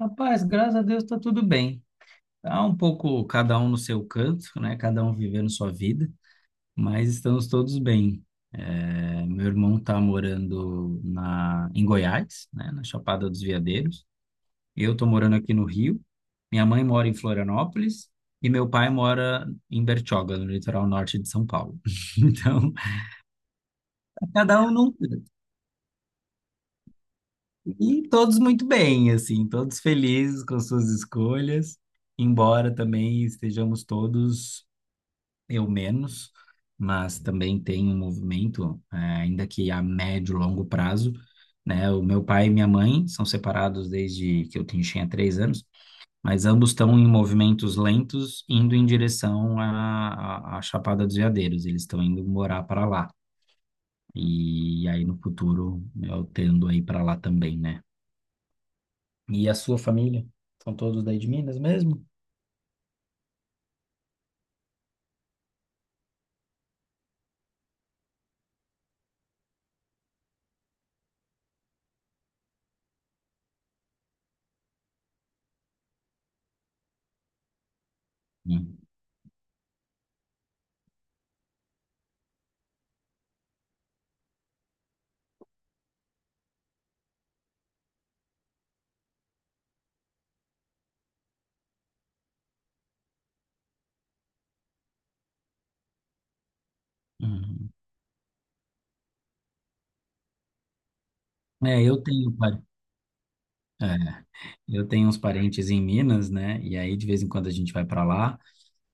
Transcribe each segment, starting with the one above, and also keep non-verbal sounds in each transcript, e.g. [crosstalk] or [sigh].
Rapaz, graças a Deus está tudo bem. Tá um pouco cada um no seu canto, né? Cada um vivendo sua vida, mas estamos todos bem. É, meu irmão está morando em Goiás, né? Na Chapada dos Veadeiros. Eu estou morando aqui no Rio. Minha mãe mora em Florianópolis e meu pai mora em Bertioga, no litoral norte de São Paulo. [laughs] Então, cada um num canto. E todos muito bem, assim, todos felizes com suas escolhas embora também estejamos todos. Eu menos, mas também tem um movimento, ainda que a médio e longo prazo, né? O meu pai e minha mãe são separados desde que eu tinha 3 anos, mas ambos estão em movimentos lentos, indo em direção à Chapada dos Veadeiros. Eles estão indo morar para lá. E aí no futuro eu tendo aí para lá também, né? E a sua família? São todos daí de Minas mesmo? Hum. Uhum. É, eu tenho, pai. É, eu tenho uns parentes em Minas, né? E aí, de vez em quando, a gente vai para lá.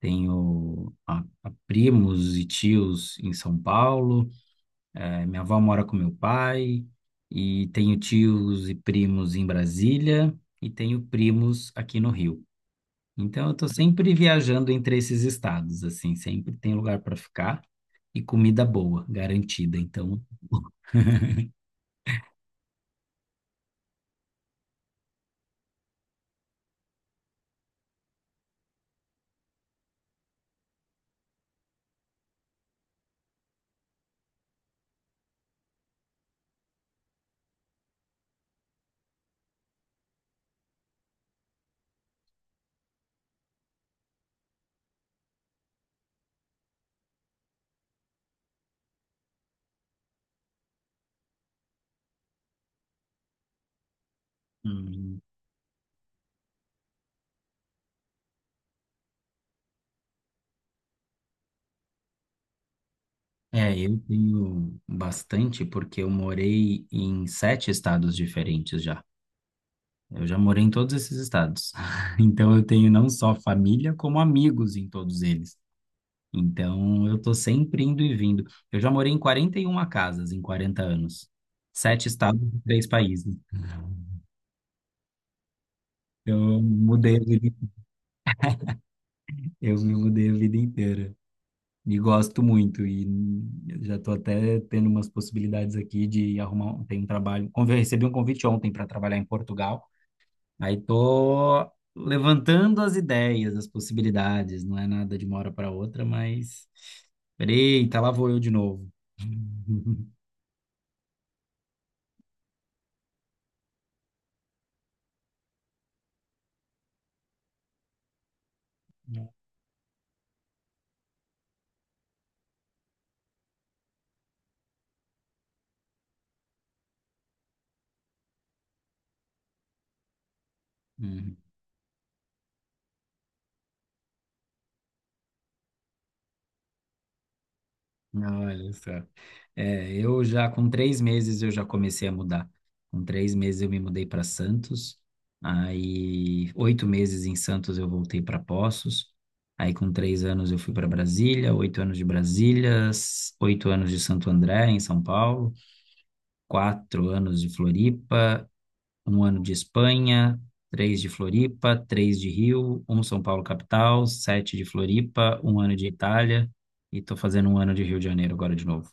Tenho a primos e tios em São Paulo. Minha avó mora com meu pai. E tenho tios e primos em Brasília. E tenho primos aqui no Rio. Então, eu estou sempre viajando entre esses estados, assim. Sempre tem lugar para ficar e comida boa, garantida. Então, [laughs] é, eu tenho bastante porque eu morei em sete estados diferentes já. Eu já morei em todos esses estados. [laughs] Então eu tenho não só família, como amigos em todos eles. Então eu tô sempre indo e vindo. Eu já morei em 41 casas em 40 anos. Sete estados e três países. Eu mudei a vida, eu me mudei a vida inteira. E gosto muito, e já estou até tendo umas possibilidades aqui de arrumar, um- tem um trabalho, convi- recebi um convite ontem para trabalhar em Portugal, aí estou levantando as ideias, as possibilidades, não é nada de uma hora para outra, mas, eita, lá vou eu de novo. [laughs] Uhum. Olha só. É, eu já com 3 meses eu já comecei a mudar. Com três meses eu me mudei para Santos. Aí 8 meses em Santos eu voltei para Poços. Aí com 3 anos eu fui para Brasília, 8 anos de Brasília, s- 8 anos de Santo André em São Paulo, 4 anos de Floripa, um ano de Espanha, três de Floripa, três de Rio, um São Paulo capital, sete de Floripa, um ano de Itália e tô fazendo um ano de Rio de Janeiro agora de novo.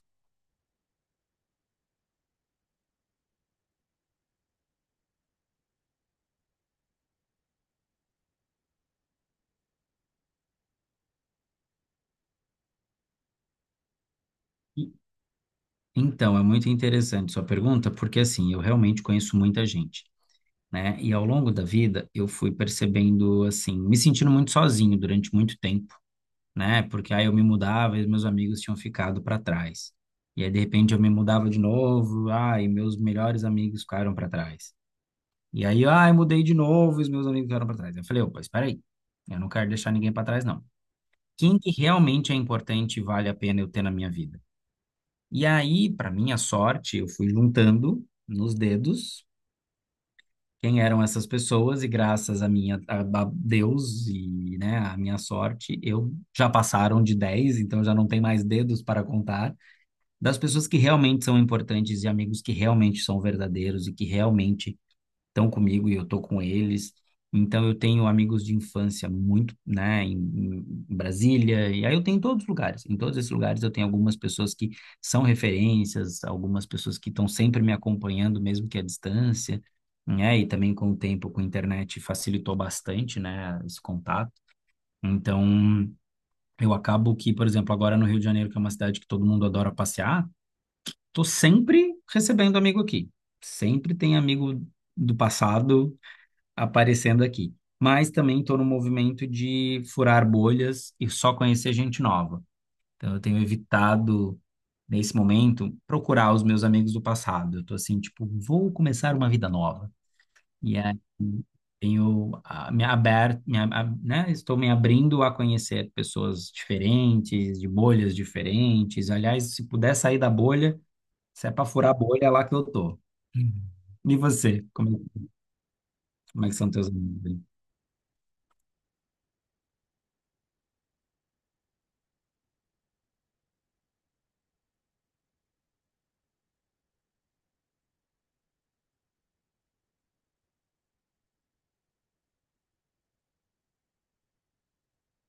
E- Então, é muito interessante sua pergunta, porque assim, eu realmente conheço muita gente, né? E ao longo da vida, eu fui percebendo, assim, me sentindo muito sozinho durante muito tempo, né? Porque aí eu me mudava e meus amigos tinham ficado para trás. E aí, de repente, eu me mudava de novo, ah, e meus melhores amigos ficaram para trás. E aí, ah, eu mudei de novo e os meus amigos ficaram para trás. Eu falei, opa, espera aí, eu não quero deixar ninguém para trás, não. Quem que realmente é importante e vale a pena eu ter na minha vida? E aí, para minha sorte, eu fui juntando nos dedos quem eram essas pessoas e graças a minha a Deus e, né, a minha sorte, eu já passaram de 10 então já não tem mais dedos para contar das pessoas que realmente são importantes e amigos que realmente são verdadeiros e que realmente estão comigo e eu estou com eles. Então eu tenho amigos de infância muito, né, em Brasília, e aí eu tenho em todos os lugares. Em todos esses lugares eu tenho algumas pessoas que são referências, algumas pessoas que estão sempre me acompanhando, mesmo que à distância, né? E também com o tempo, com a internet, facilitou bastante, né, esse contato. Então eu acabo que, por exemplo, agora no Rio de Janeiro, que é uma cidade que todo mundo adora passear, tô sempre recebendo amigo aqui. Sempre tem amigo do passado aparecendo aqui. Mas também estou no movimento de furar bolhas e só conhecer gente nova. Então, eu tenho evitado, nesse momento, procurar os meus amigos do passado. Eu estou assim, tipo, vou começar uma vida nova. E aí, tenho ah, me aberto, né? Estou me abrindo a conhecer pessoas diferentes, de bolhas diferentes. Aliás, se puder sair da bolha, se é para furar a bolha, é lá que eu tô. Uhum. E você? Como é que são teus amigos aí?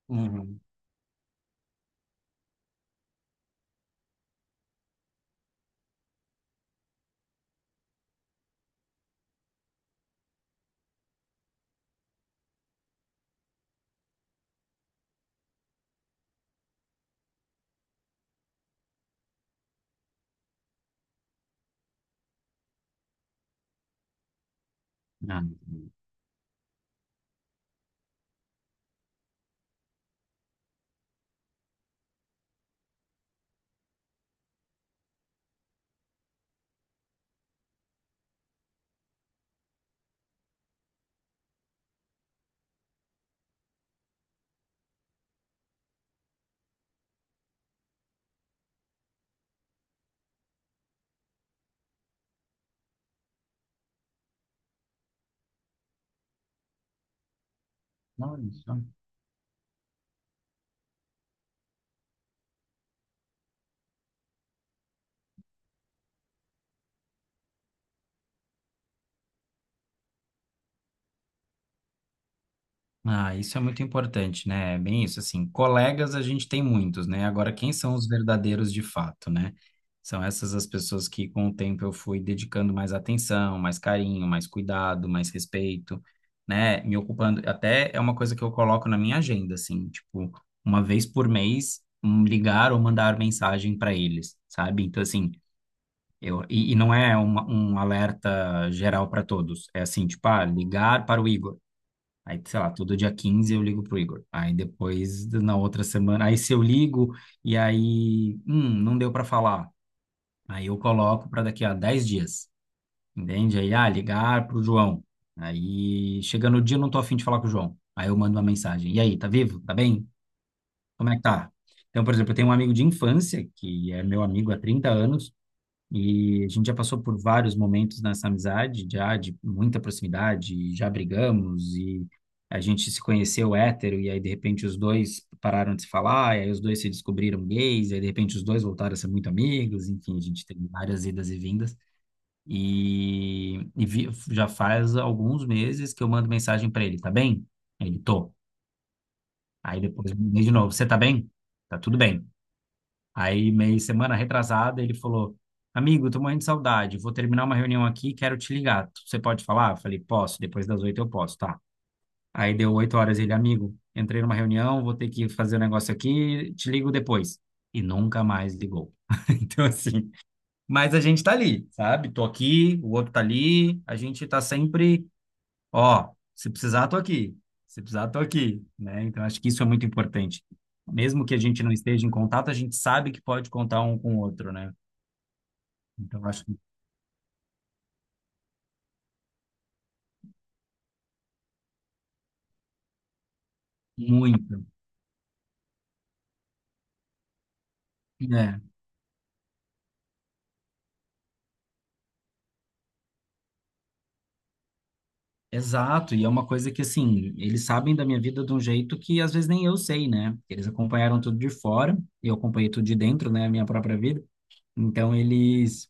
Uhum. Ah, não, isso. É um, ah, isso é muito importante, né? É bem isso, assim, colegas a gente tem muitos, né? Agora, quem são os verdadeiros de fato, né? São essas as pessoas que, com o tempo, eu fui dedicando mais atenção, mais carinho, mais cuidado, mais respeito, né? Me ocupando, até é uma coisa que eu coloco na minha agenda, assim, tipo, uma vez por mês, um, ligar ou mandar mensagem para eles, sabe? Então, assim, eu, e não é uma, um alerta geral para todos. É assim, tipo, ah, ligar para o Igor. Aí, sei lá, todo dia 15 eu ligo pro Igor. Aí depois, na outra semana, aí se eu ligo e aí, não deu para falar. Aí eu coloco para daqui a 10 dias, entende? Aí, ah, ligar pro João. Aí, chega no dia, eu não tô afim de falar com o João. Aí eu mando uma mensagem. E aí, tá vivo? Tá bem? Como é que tá? Então, por exemplo, eu tenho um amigo de infância, que é meu amigo há 30 anos, e a gente já passou por vários momentos nessa amizade, já de muita proximidade, já brigamos e a gente se conheceu hétero e aí de repente os dois pararam de se falar, e aí os dois se descobriram gays, e aí de repente os dois voltaram a ser muito amigos, enfim, a gente teve várias idas e vindas. Já faz alguns meses que eu mando mensagem para ele, tá bem? Ele, tô. Aí depois eu mandei de novo, você tá bem? Tá tudo bem. Aí, meio semana retrasada, ele falou: Amigo, tô morrendo de saudade, vou terminar uma reunião aqui, quero te ligar. Você pode falar? Eu falei: Posso, depois das 8 eu posso, tá? Aí deu 8 horas, ele, amigo, entrei numa reunião, vou ter que fazer um negócio aqui, te ligo depois. E nunca mais ligou. [laughs] Então, assim, mas a gente tá ali, sabe? Tô aqui, o outro tá ali, a gente tá sempre, ó, se precisar, tô aqui. Se precisar, tô aqui, né? Então, acho que isso é muito importante. Mesmo que a gente não esteja em contato, a gente sabe que pode contar um com o outro, né? Então, acho que muito. É, exato. E é uma coisa que, assim, eles sabem da minha vida de um jeito que às vezes nem eu sei, né? Eles acompanharam tudo de fora, eu acompanhei tudo de dentro, né? A minha própria vida. Então, eles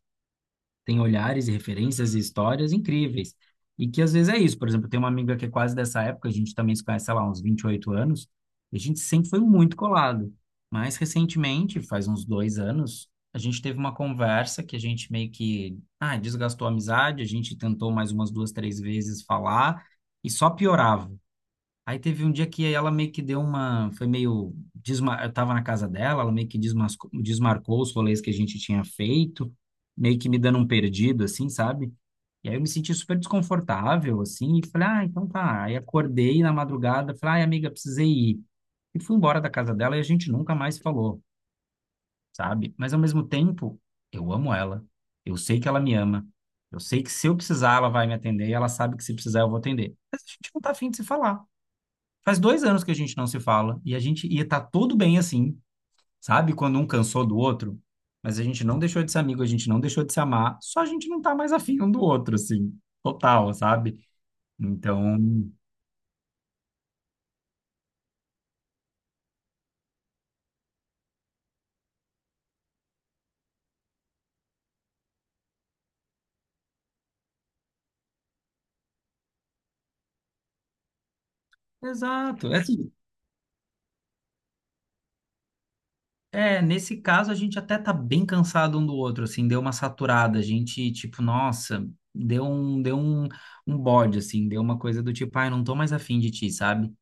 tem olhares e referências e histórias incríveis. E que às vezes é isso. Por exemplo, tem uma amiga que é quase dessa época, a gente também se conhece, sei lá, uns 28 anos, e a gente sempre foi muito colado. Mas recentemente, faz uns 2 anos, a gente teve uma conversa que a gente meio que, ah, desgastou a amizade, a gente tentou mais umas duas, três vezes falar e só piorava. Aí teve um dia que ela meio que deu uma, foi meio, desma... eu tava na casa dela, ela meio que desmarcou os rolês que a gente tinha feito, meio que me dando um perdido, assim, sabe? E aí eu me senti super desconfortável, assim, e falei, ah, então tá. Aí acordei na madrugada, falei, ai, amiga, precisei ir. E fui embora da casa dela e a gente nunca mais falou, sabe? Mas ao mesmo tempo, eu amo ela, eu sei que ela me ama, eu sei que se eu precisar, ela vai me atender, e ela sabe que se precisar, eu vou atender. Mas a gente não tá afim de se falar. Faz 2 anos que a gente não se fala e a gente ia estar tudo bem assim, sabe? Quando um cansou do outro, mas a gente não deixou de ser amigo, a gente não deixou de se amar, só a gente não tá mais afim um do outro, assim, total, sabe? Então, exato. É assim, é, nesse caso a gente até tá bem cansado um do outro, assim, deu uma saturada, a gente, tipo, nossa, deu um, deu um, um bode, assim, deu uma coisa do tipo, ai, não tô mais afim de ti, sabe?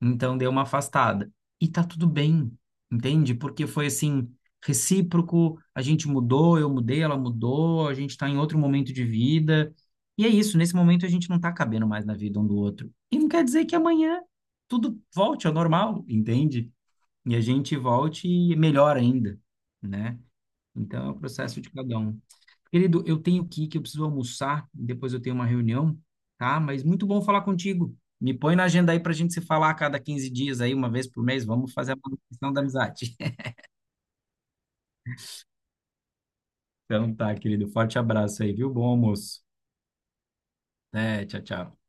Então deu uma afastada. E tá tudo bem, entende? Porque foi assim, recíproco, a gente mudou, eu mudei, ela mudou, a gente tá em outro momento de vida. E é isso, nesse momento a gente não tá cabendo mais na vida um do outro. E não quer dizer que amanhã tudo volte ao normal, entende? E a gente volte melhor ainda, né? Então é o processo de cada um. Querido, eu tenho que ir, que eu preciso almoçar, depois eu tenho uma reunião, tá? Mas muito bom falar contigo. Me põe na agenda aí pra gente se falar a cada 15 dias aí, uma vez por mês, vamos fazer a manutenção da amizade. [laughs] Então tá, querido, forte abraço aí, viu? Bom almoço. Até, tchau, tchau.